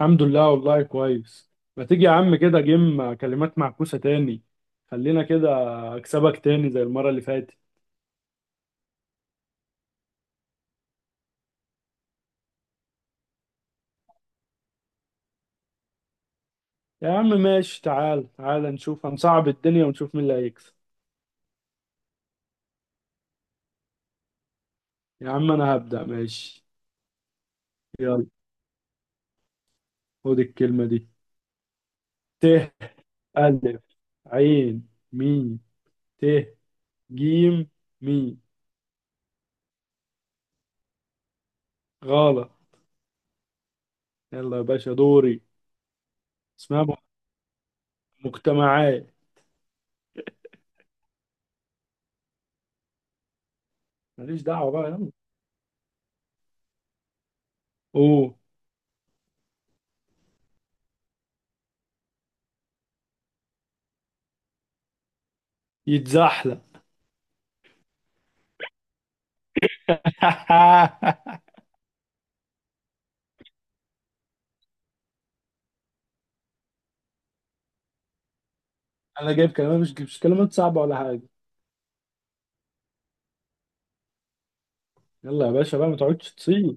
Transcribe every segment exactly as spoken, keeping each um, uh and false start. الحمد لله والله كويس. ما تيجي يا عم كده جيم كلمات معكوسة تاني؟ خلينا كده اكسبك تاني زي المرة اللي فاتت. يا عم ماشي، تعال تعال نشوف، هنصعب الدنيا ونشوف مين اللي هيكسب. يا عم انا هبدأ ماشي. يلا، خد الكلمة دي: ت، ألف، عين، ميم، ت، جيم، ميم. غلط. يلا يا باشا دوري. اسمها مجتمعات. ماليش دعوة بقى، يلا. اوه يتزحلق. انا جايب كلمات، مش مش كلمات صعبه ولا حاجه. يلا يا باشا بقى ما تقعدش تصيح.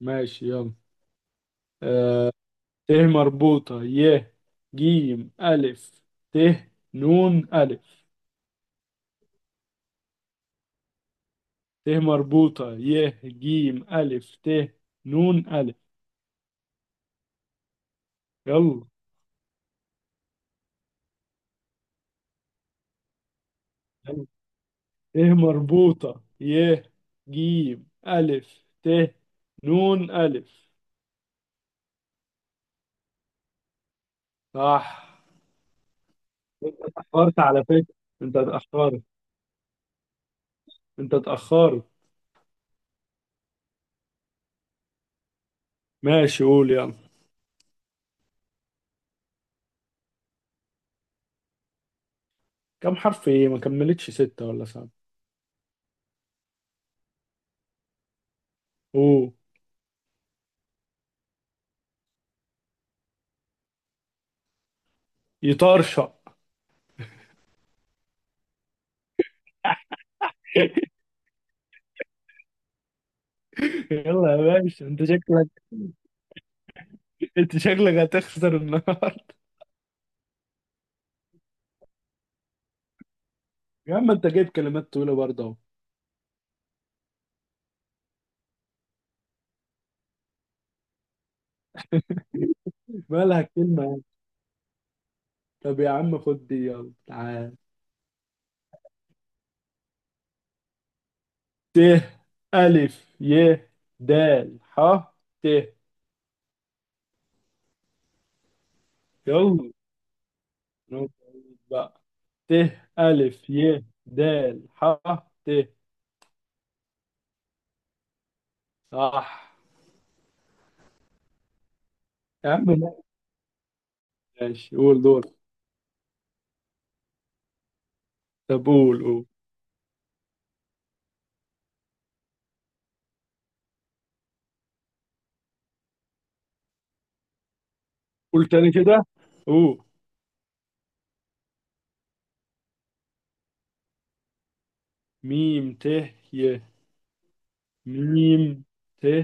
ماشي يلا. آه ت مربوطه، ي، جيم، الف، ت، نون، الف. ت مربوطه، ي، جيم، الف، ت، نون، الف. يلا. يلا. ت مربوطه، ي، جيم، الف، ت، نون، الف. صح. انت اتاخرت على فكره، انت اتاخرت، انت اتاخرت. ماشي قول يلا. كم حرف ايه؟ ما كملتش ستة ولا سبعة. اوه يطرشق. يلا يا باشا انت شكلك، انت شكلك هتخسر النهارده. يا عم انت جايب كلمات طويلة برضه اهو. مالها كلمة يعني؟ طب يا عم خد دي يلا تعال. ت، ألف، ي، د، ح، ت. يلا، نقطة بقى. ت، ألف، ي، د، ح، ت. صح. يا عم لا. ماشي قول دور. طب قول قول. قول تاني كده، قول. ميم، ت، ي. ميم، ت، ي.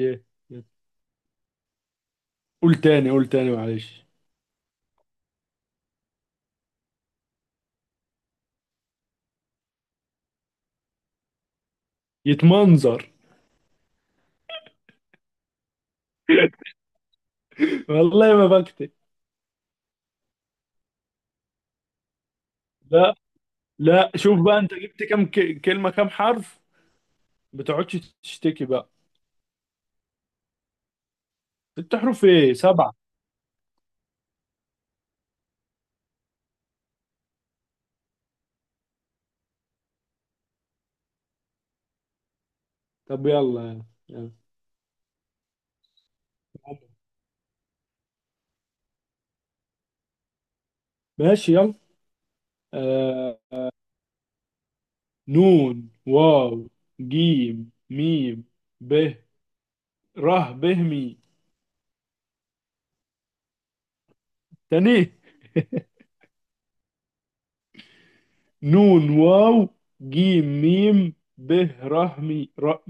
ي- قول تاني، قول تاني معلش. يتمنظر. والله ما بكتب. لا. لا شوف بقى انت جبت كام ك- كلمة، كام حرف؟ ما تقعدش تشتكي بقى. ست حروف ايه؟ سبعة. طب يلا. يلا. ماشي يلا. آه نون، واو، جيم، ميم، ب، ره، به، مي. تاني. نون، واو، جيم، ميم، ب، ره، مي، ر-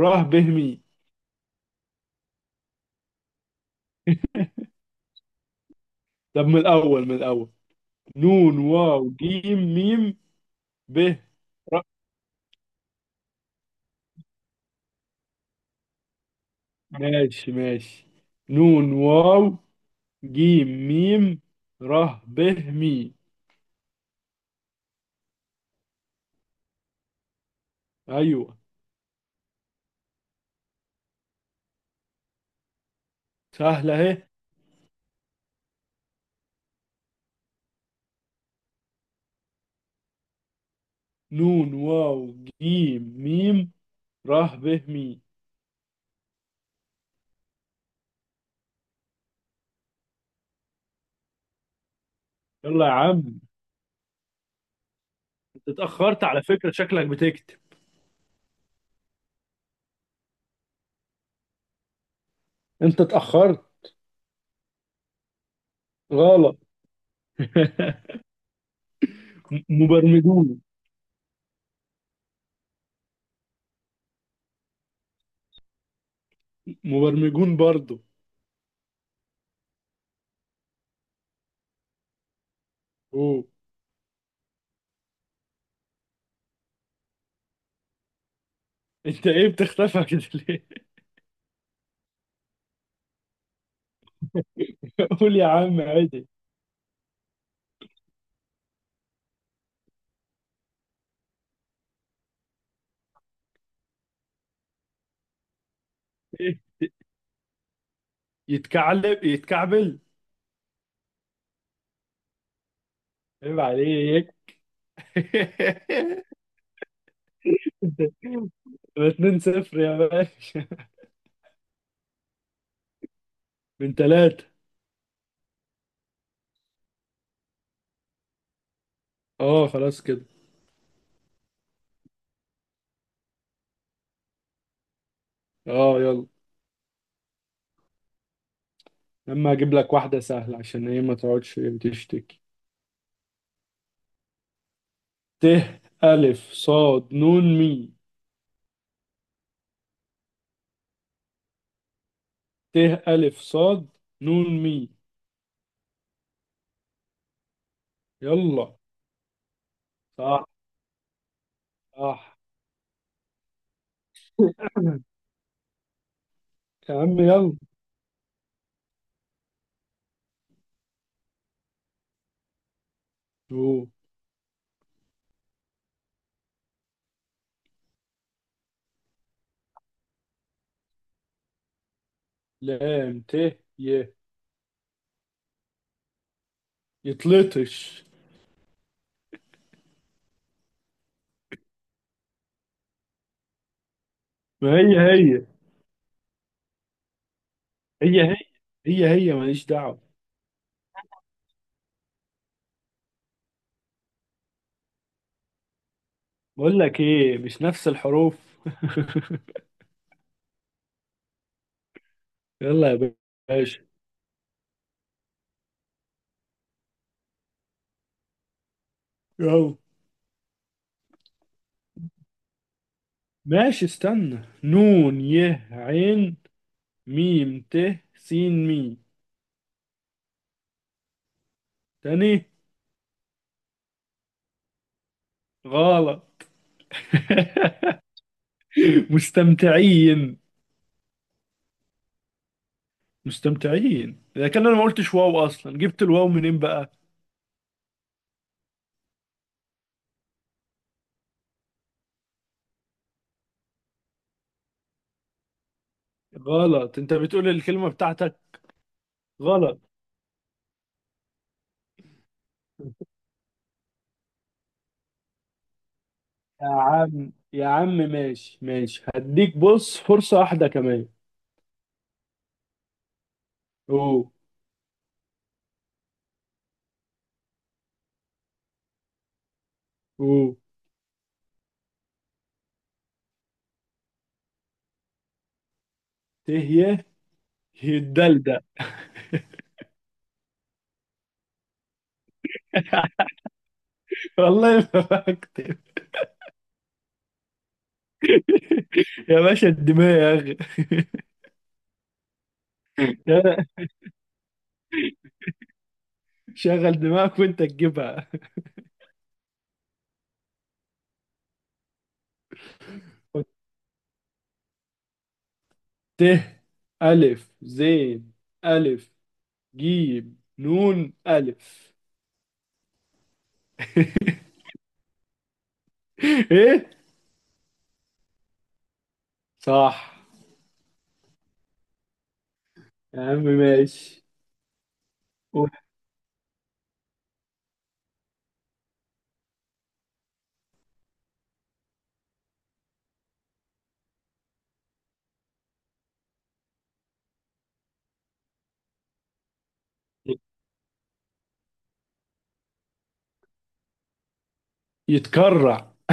ره، به، مي. طب من الأول، من الأول. نون، واو، جيم، ميم، ب، ر. ماشي ماشي. نون، واو، جيم، ميم، ر، ب، مي. أيوه. سهلة أهي. نون، واو، جيم، ميم، ر، ب، مي. يلا يا عم. أنت اتأخرت على فكرة، شكلك بتكتب. أنت اتأخرت. غلط. م- مبرمجون. مبرمجون برضو. أوه أنت إيه بتختفى كده ليه؟ قول يا عم عادي. إيه؟ يتكعلب، يتكعبل. عيب عليك. يبقى اتنين صفر يا باشا. من ثلاثة. اه خلاص كده. اه يلا. لما اجيب لك واحدة سهلة عشان ايه ما تقعدش تشتكي. ت، ألف، صاد، نون، مي. ت، ألف، صاد، نون، مي. يلا. صح. صح. يا عم يلا. شو. لام، ت، ي. يطلطش. ما هي هي، هي هي، هي هي، ماليش دعوة. بقول لك ايه، مش نفس الحروف. يلا يا باشا. يلا. ماشي استنى، نون، ي، عين، ميم، ت، سين، مي. تاني. غلط. مستمتعين. مستمتعين. اذا كان انا ما قلتش واو اصلا، جبت الواو منين بقى؟ غلط، انت بتقول الكلمة بتاعتك. غلط. يا عم يا عم ماشي ماشي، هديك بص فرصة واحدة كمان. او او ت، ي. الدلدل. والله ما فاكر. يا باشا الدماغ يا- اخي. شغل دماغك وانت تجيبها. ت، ألف، زين، ألف، جيم، نون، ألف. إيه. صح. يا عم ماشي. قول. يتكرع.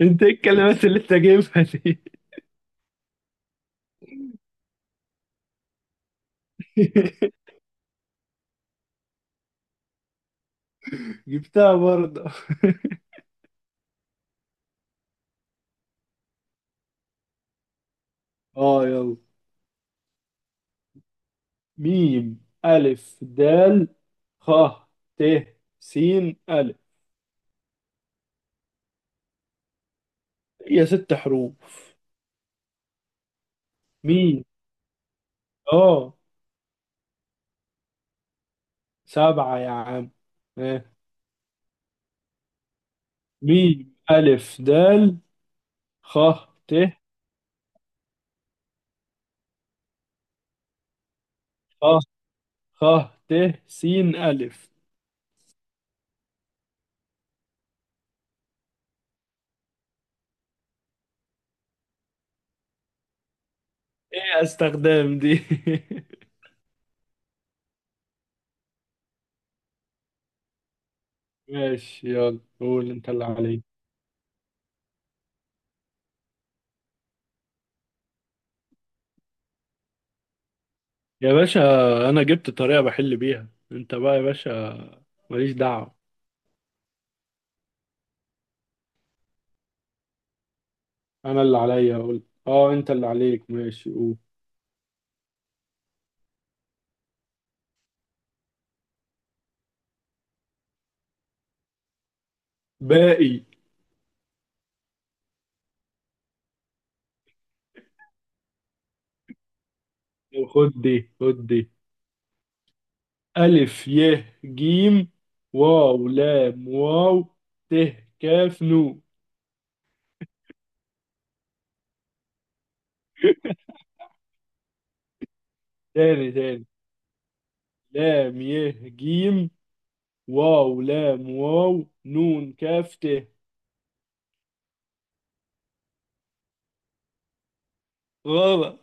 انت ايه الكلمات اللي انت جايبها دي؟ جبتها برضه. اه يلا. ميم، ألف، دال، خ، ت، س، ألف. هي ست حروف. ميم. اه. سبعة يا عم. آه. ميم، ألف، دال، خ، ت، خ، خ، ت، س، ألف. ايه استخدام دي؟ ماشي يلا قول انت اللي عليك. يا باشا انا جبت طريقة بحل بيها، انت بقى يا باشا ماليش دعوة. انا اللي عليا اقول؟ اه انت اللي عليك، ماشي قول. باقي. خد دي، خد دي. ألف، ي، جيم، واو، لام، واو، ت، كاف، نو. تاني، تاني. لام، ي، جيم، واو، لام، واو، نون، كاف، ت. غلط.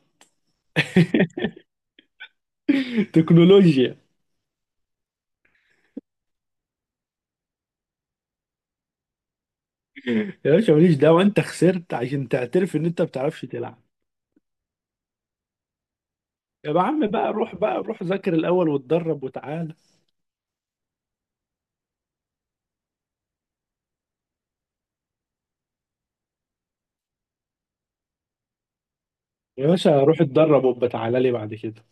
تكنولوجيا. يا باشا ماليش دعوة، انت خسرت عشان تعترف ان انت ما بتعرفش تلعب. يا عم بقى روح، بقى روح ذاكر الأول واتدرب وتعالى. يا باشا روح اتدرب وبتعالى لي بعد كده.